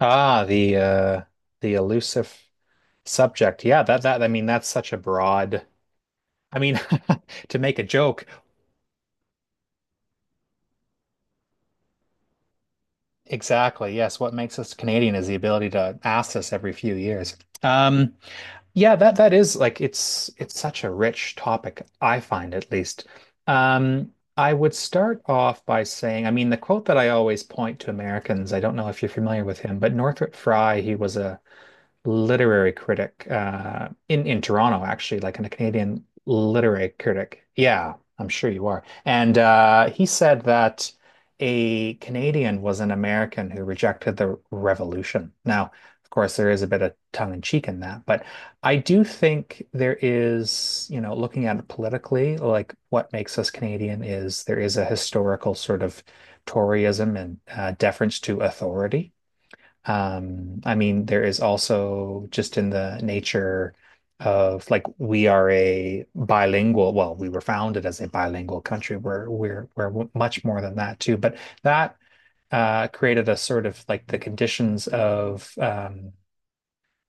Ah, the the elusive subject. Yeah, that, I mean, that's such a broad I mean to make a joke. Exactly. Yes, what makes us Canadian is the ability to ask this every few years. Um yeah, that is like it's such a rich topic, I find at least. Um I would start off by saying, I mean, the quote that I always point to Americans, I don't know if you're familiar with him, but Northrop Frye, he was literary critic in Toronto, actually, like a Canadian literary critic. Yeah, I'm sure you are. And he said that a Canadian was an American who rejected the revolution. Now, of course, there is a bit of tongue in cheek in that, but I do think there is, you know, looking at it politically, like what makes us Canadian is there is a historical sort of Toryism and deference to authority. I mean, there is also just in the nature of like we are a bilingual, well, we were founded as a bilingual country. We're much more than that too. But that created a sort of like the conditions of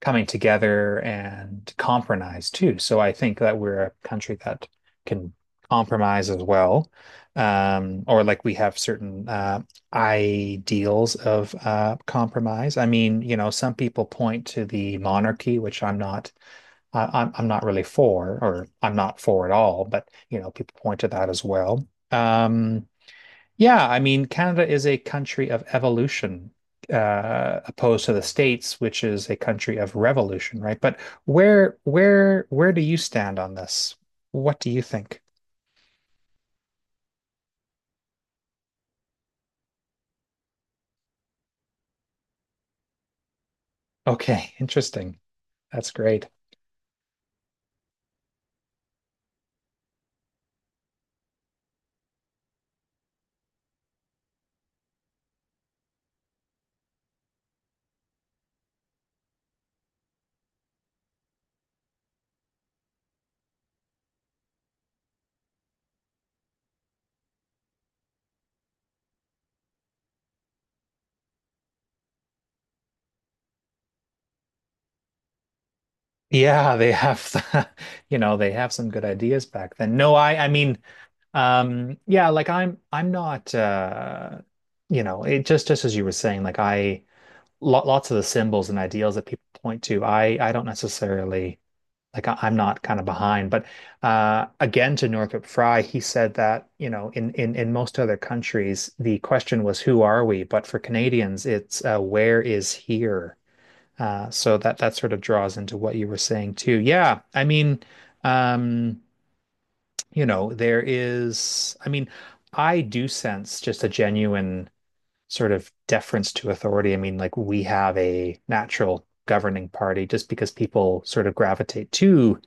coming together and compromise too. So I think that we're a country that can compromise as well, or like we have certain ideals of compromise. I mean, you know, some people point to the monarchy, which I'm not, I'm not really for, or I'm not for at all. But you know, people point to that as well. Um, yeah, I mean, Canada is a country of evolution, opposed to the States, which is a country of revolution, right? But where do you stand on this? What do you think? Okay, interesting. That's great. Yeah, they have, you know, they have some good ideas back then. No, I mean, yeah, like I'm not, you know, it just as you were saying, like lots of the symbols and ideals that people point to, I don't necessarily. Like I'm not kind of behind. But again, to Northrop Frye, he said that, you know, in most other countries, the question was, who are we? But for Canadians, it's where is here? So that sort of draws into what you were saying too. Yeah, I mean, um, you know, there is, I mean, I do sense just a genuine sort of deference to authority. I mean, like we have a natural governing party just because people sort of gravitate to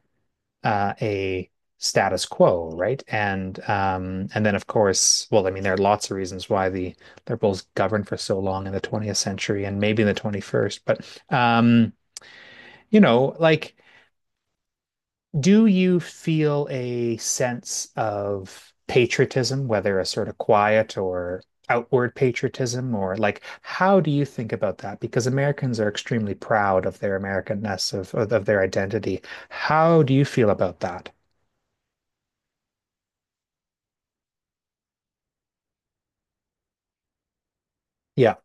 a status quo, right? And then of course, well, I mean, there are lots of reasons why the liberals governed for so long in the 20th century and maybe in the 21st, but you know, like, do you feel a sense of patriotism, whether a sort of quiet or outward patriotism, or like, how do you think about that? Because Americans are extremely proud of their Americanness, of their identity. How do you feel about that? Yeah.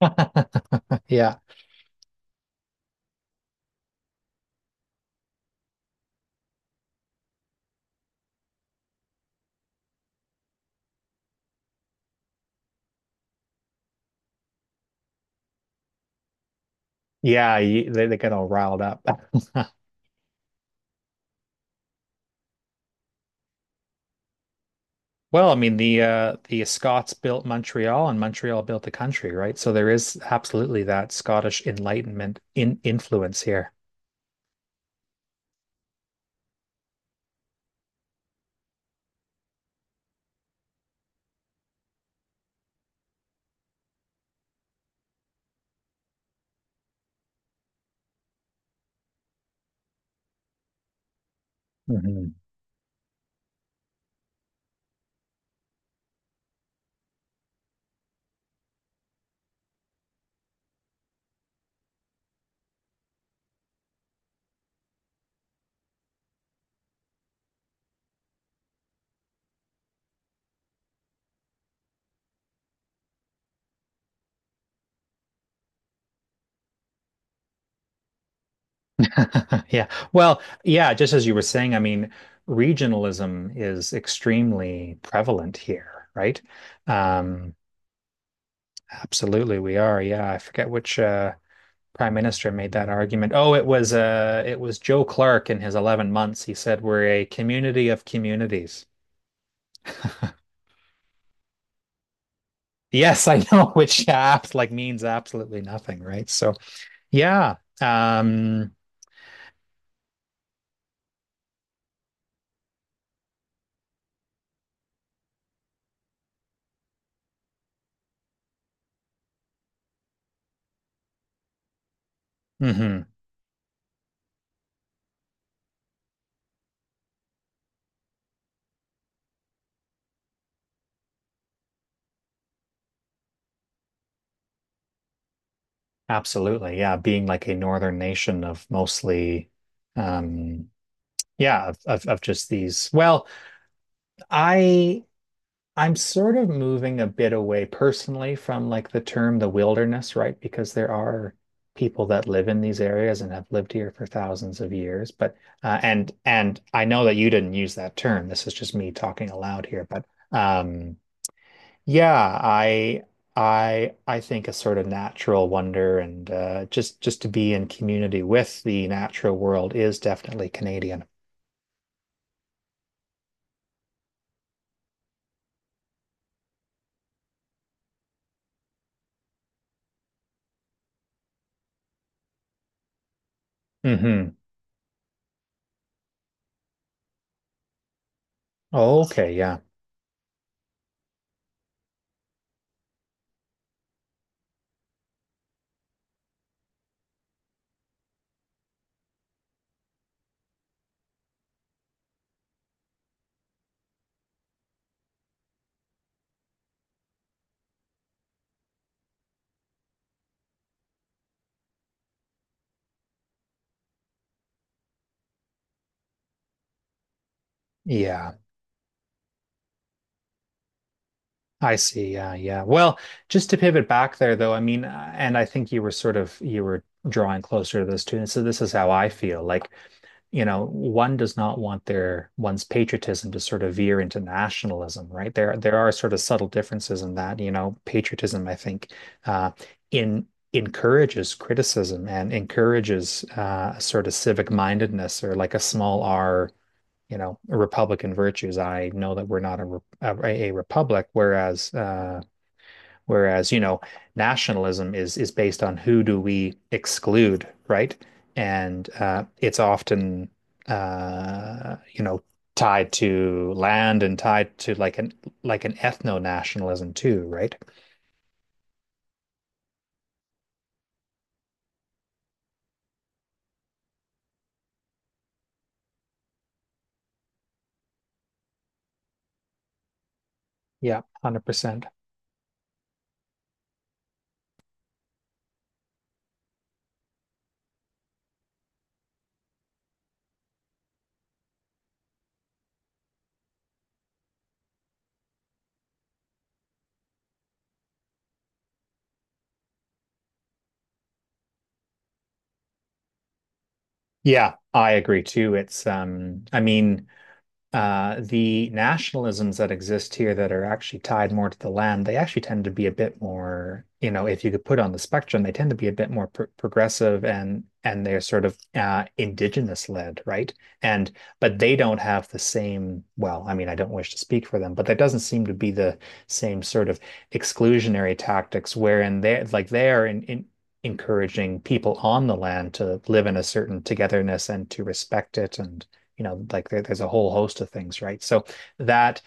Yeah. Yeah, you, they get all riled up. Well, I mean, the the Scots built Montreal and Montreal built the country, right? So there is absolutely that Scottish Enlightenment in influence here. Mhm. Yeah. Well, yeah, just as you were saying, I mean, regionalism is extremely prevalent here, right? Um, absolutely we are. Yeah, I forget which prime minister made that argument. Oh, it was it was Joe Clark in his 11 months. He said we're a community of communities. Yes, I know, which apps like means absolutely nothing, right? So yeah. Hmm Absolutely. Yeah, being like a northern nation of mostly um yeah, of, of just these. Well, I I'm sort of moving a bit away personally from like the term the wilderness, right? Because there are people that live in these areas and have lived here for thousands of years. But and I know that you didn't use that term. This is just me talking aloud here. But um, yeah, I I think a sort of natural wonder and just to be in community with the natural world is definitely Canadian. Hmm. Okay, yeah, yeah. I see. Yeah, yeah. Well, just to pivot back there, though, I mean, and I think you were sort of you were drawing closer to this too. And so this is how I feel. Like, you know, one does not want their one's patriotism to sort of veer into nationalism, right? There are sort of subtle differences in that. You know, patriotism, I think, uh, in encourages criticism and encourages sort of civic mindedness or like a small R, you know, republican virtues. I know that we're not a a republic, whereas whereas you know nationalism is based on who do we exclude, right? And it's often you know, tied to land and tied to like an ethno-nationalism too, right? Yeah, 100%. Yeah, I agree too. It's I mean the nationalisms that exist here that are actually tied more to the land, they actually tend to be a bit more, you know, if you could put on the spectrum, they tend to be a bit more pr progressive and they're sort of indigenous led, right? And but they don't have the same, well, I mean, I don't wish to speak for them, but that doesn't seem to be the same sort of exclusionary tactics wherein they're like they are in encouraging people on the land to live in a certain togetherness and to respect it, and you know, like there's a whole host of things, right? So that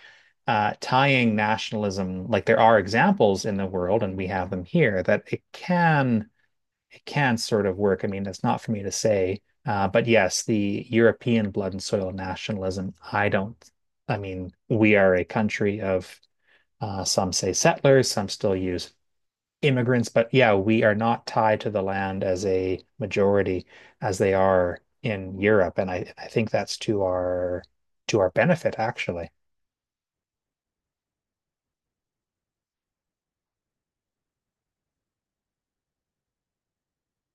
tying nationalism, like there are examples in the world, and we have them here, that it can sort of work. I mean, that's not for me to say, but yes, the European blood and soil nationalism, I don't. I mean, we are a country of some say settlers, some still use immigrants, but yeah, we are not tied to the land as a majority as they are in Europe, and I think that's to our benefit actually.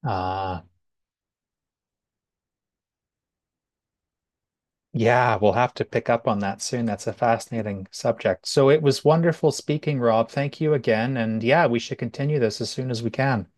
Uh, yeah, we'll have to pick up on that soon. That's a fascinating subject. So it was wonderful speaking, Rob. Thank you again, and yeah, we should continue this as soon as we can.